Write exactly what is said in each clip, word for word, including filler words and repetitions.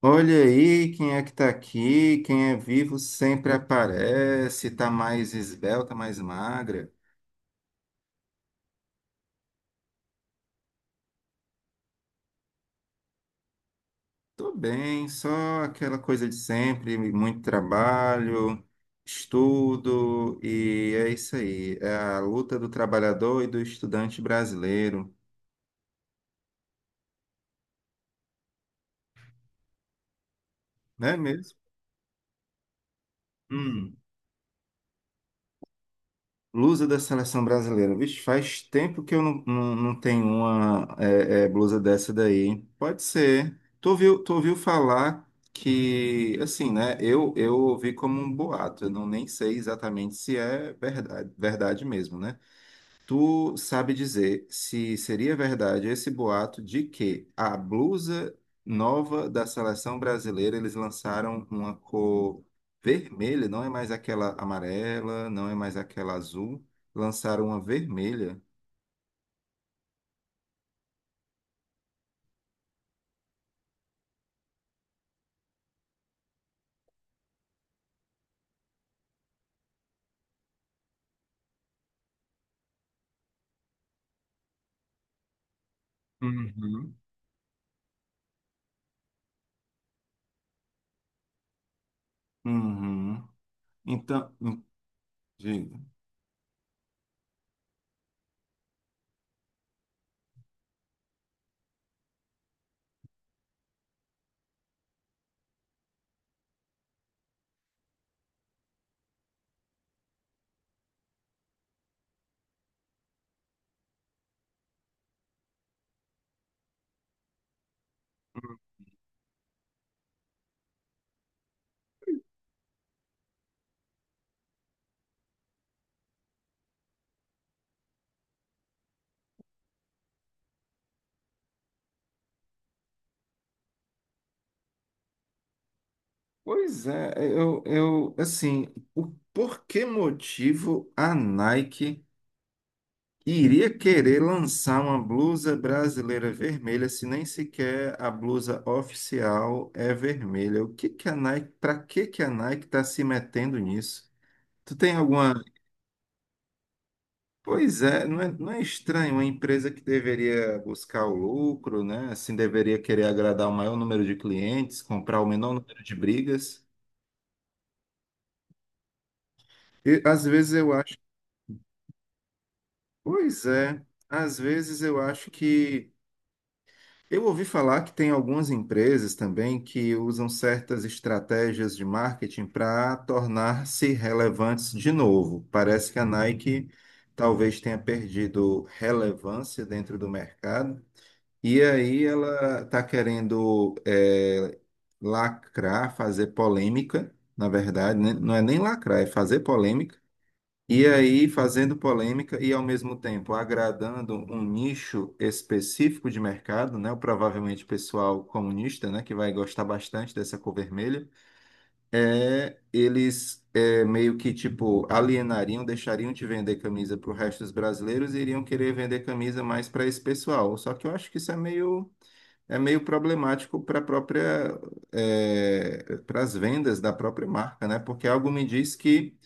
Olha aí quem é que tá aqui, quem é vivo sempre aparece, tá mais esbelta, mais magra. Tô bem, só aquela coisa de sempre, muito trabalho, estudo, e é isso aí, é a luta do trabalhador e do estudante brasileiro, não é mesmo? Hum. Blusa da seleção brasileira. Vixe, faz tempo que eu não, não, não tenho uma é, é, blusa dessa daí. Hein? Pode ser. Tu ouviu, tu ouviu falar que, assim, né? Eu, eu ouvi como um boato. Eu não nem sei exatamente se é verdade, verdade mesmo, né? Tu sabe dizer se seria verdade esse boato de que a blusa nova da seleção brasileira eles lançaram uma cor vermelha, não é mais aquela amarela, não é mais aquela azul, lançaram uma vermelha. Uhum. Uhum. Então, hum, diga. Pois é, eu, eu assim, o, por que motivo a Nike iria querer lançar uma blusa brasileira vermelha se nem sequer a blusa oficial é vermelha? O que que a Nike, para que que a Nike está se metendo nisso? Tu tem alguma? Pois é, não é, não é estranho uma empresa que deveria buscar o lucro, né? Assim deveria querer agradar o maior número de clientes, comprar o menor número de brigas. E às vezes eu acho, pois é, às vezes eu acho que eu ouvi falar que tem algumas empresas também que usam certas estratégias de marketing para tornar-se relevantes de novo. Parece que a Nike talvez tenha perdido relevância dentro do mercado e aí ela está querendo eh, lacrar, fazer polêmica, na verdade, né? Não é nem lacrar, é fazer polêmica e aí, fazendo polêmica e, ao mesmo tempo, agradando um nicho específico de mercado, né? O provavelmente pessoal comunista, né? Que vai gostar bastante dessa cor vermelha. É, eles é, meio que, tipo, alienariam, deixariam de vender camisa para o resto dos brasileiros e iriam querer vender camisa mais para esse pessoal. Só que eu acho que isso é meio... É meio problemático para a própria, para as vendas da própria marca, né? Porque algo me diz que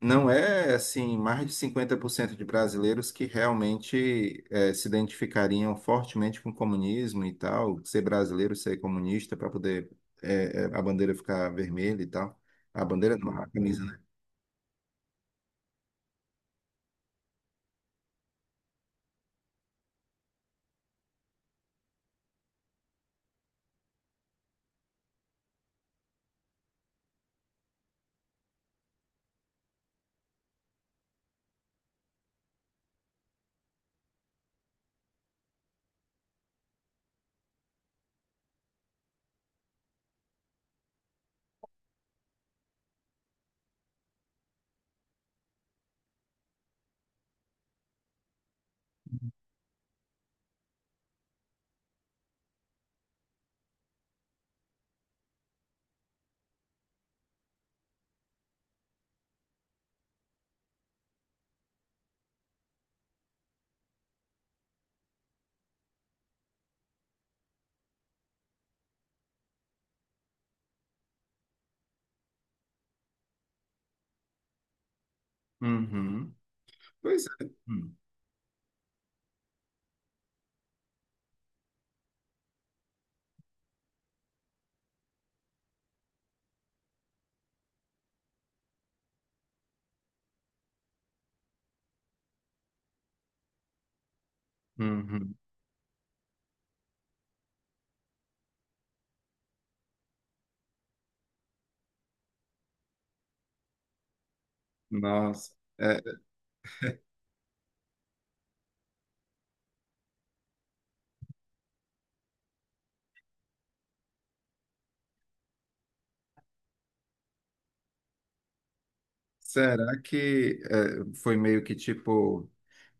não é assim, mais de cinquenta por cento de brasileiros que realmente eh, se identificariam fortemente com o comunismo e tal, ser brasileiro, ser comunista para poder eh, eh, a bandeira ficar vermelha e tal. A bandeira não, a camisa, né? Uhum. Pois é. Uhum. Nossa. Será que eh, foi meio que tipo,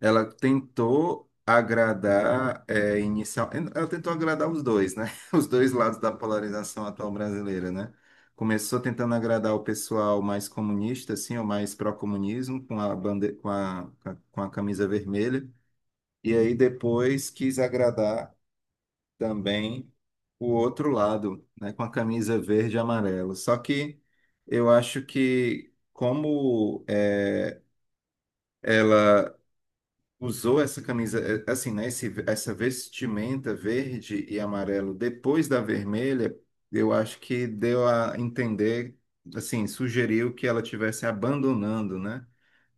ela tentou agradar eh, inicial, ela tentou agradar os dois, né? Os dois lados da polarização atual brasileira, né? Começou tentando agradar o pessoal mais comunista, assim, ou mais pró-comunismo, com a bande... com a, com a com a camisa vermelha, e aí depois quis agradar também o outro lado, né, com a camisa verde e amarelo. Só que eu acho que como é, ela usou essa camisa, é, assim, né, esse, essa vestimenta verde e amarelo depois da vermelha, eu acho que deu a entender, assim, sugeriu que ela estivesse abandonando, né?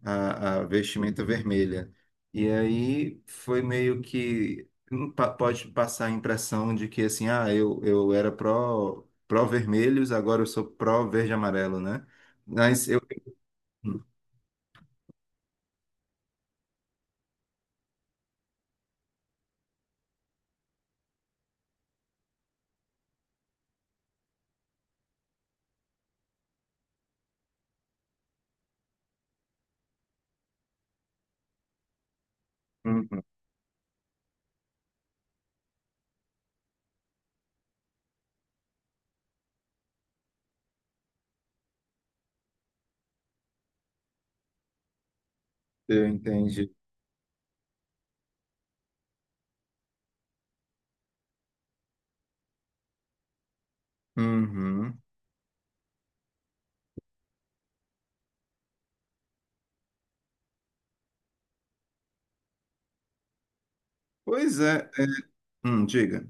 a, a vestimenta vermelha. E aí foi meio que hum, pa- pode passar a impressão de que assim, ah, eu, eu era pró, pró-vermelhos, agora eu sou pró-verde e amarelo, né? Mas eu, uhum, eu entendi. Uhum. Pois é, é, hum, diga.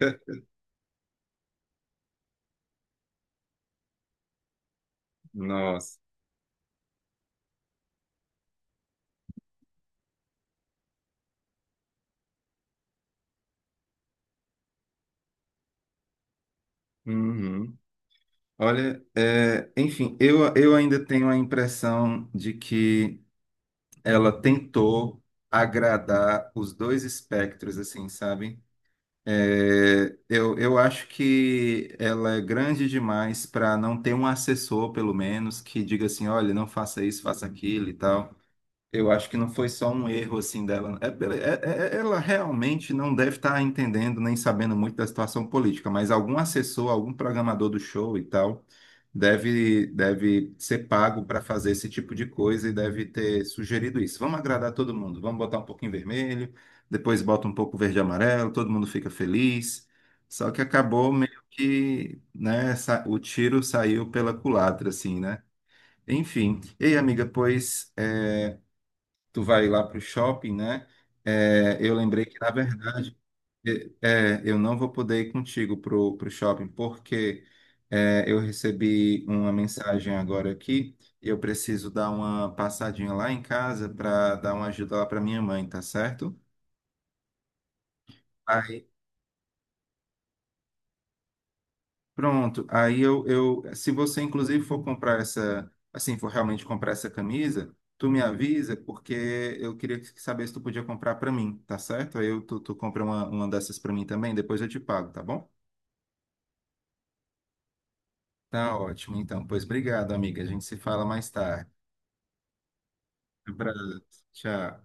É, nossa. Uhum. Olha, é, enfim, eu, eu ainda tenho a impressão de que ela tentou agradar os dois espectros, assim, sabe? É, eu, eu acho que ela é grande demais para não ter um assessor, pelo menos, que diga assim, olha, não faça isso, faça aquilo e tal. Eu acho que não foi só um erro assim dela. É é- é- é- ela realmente não deve estar entendendo nem sabendo muito da situação política, mas algum assessor, algum programador do show e tal, deve, deve ser pago para fazer esse tipo de coisa e deve ter sugerido isso. Vamos agradar todo mundo, vamos botar um pouquinho vermelho, depois bota um pouco verde e amarelo, todo mundo fica feliz. Só que acabou meio que, né, sa- o tiro saiu pela culatra, assim, né? Enfim. Ei, amiga, pois. É, tu vai lá para o shopping, né? É, eu lembrei que, na verdade, é, é, eu não vou poder ir contigo pro, pro shopping, porque é, eu recebi uma mensagem agora aqui e eu preciso dar uma passadinha lá em casa para dar uma ajuda lá para minha mãe, tá certo? Aí pronto, aí eu, eu, se você inclusive for comprar essa, assim, for realmente comprar essa camisa, tu me avisa, porque eu queria saber se tu podia comprar para mim, tá certo? Aí eu, tu, tu compra uma, uma dessas para mim também, depois eu te pago, tá bom? Tá ótimo, então. Pois obrigado, amiga. A gente se fala mais tarde. Abraço, tchau.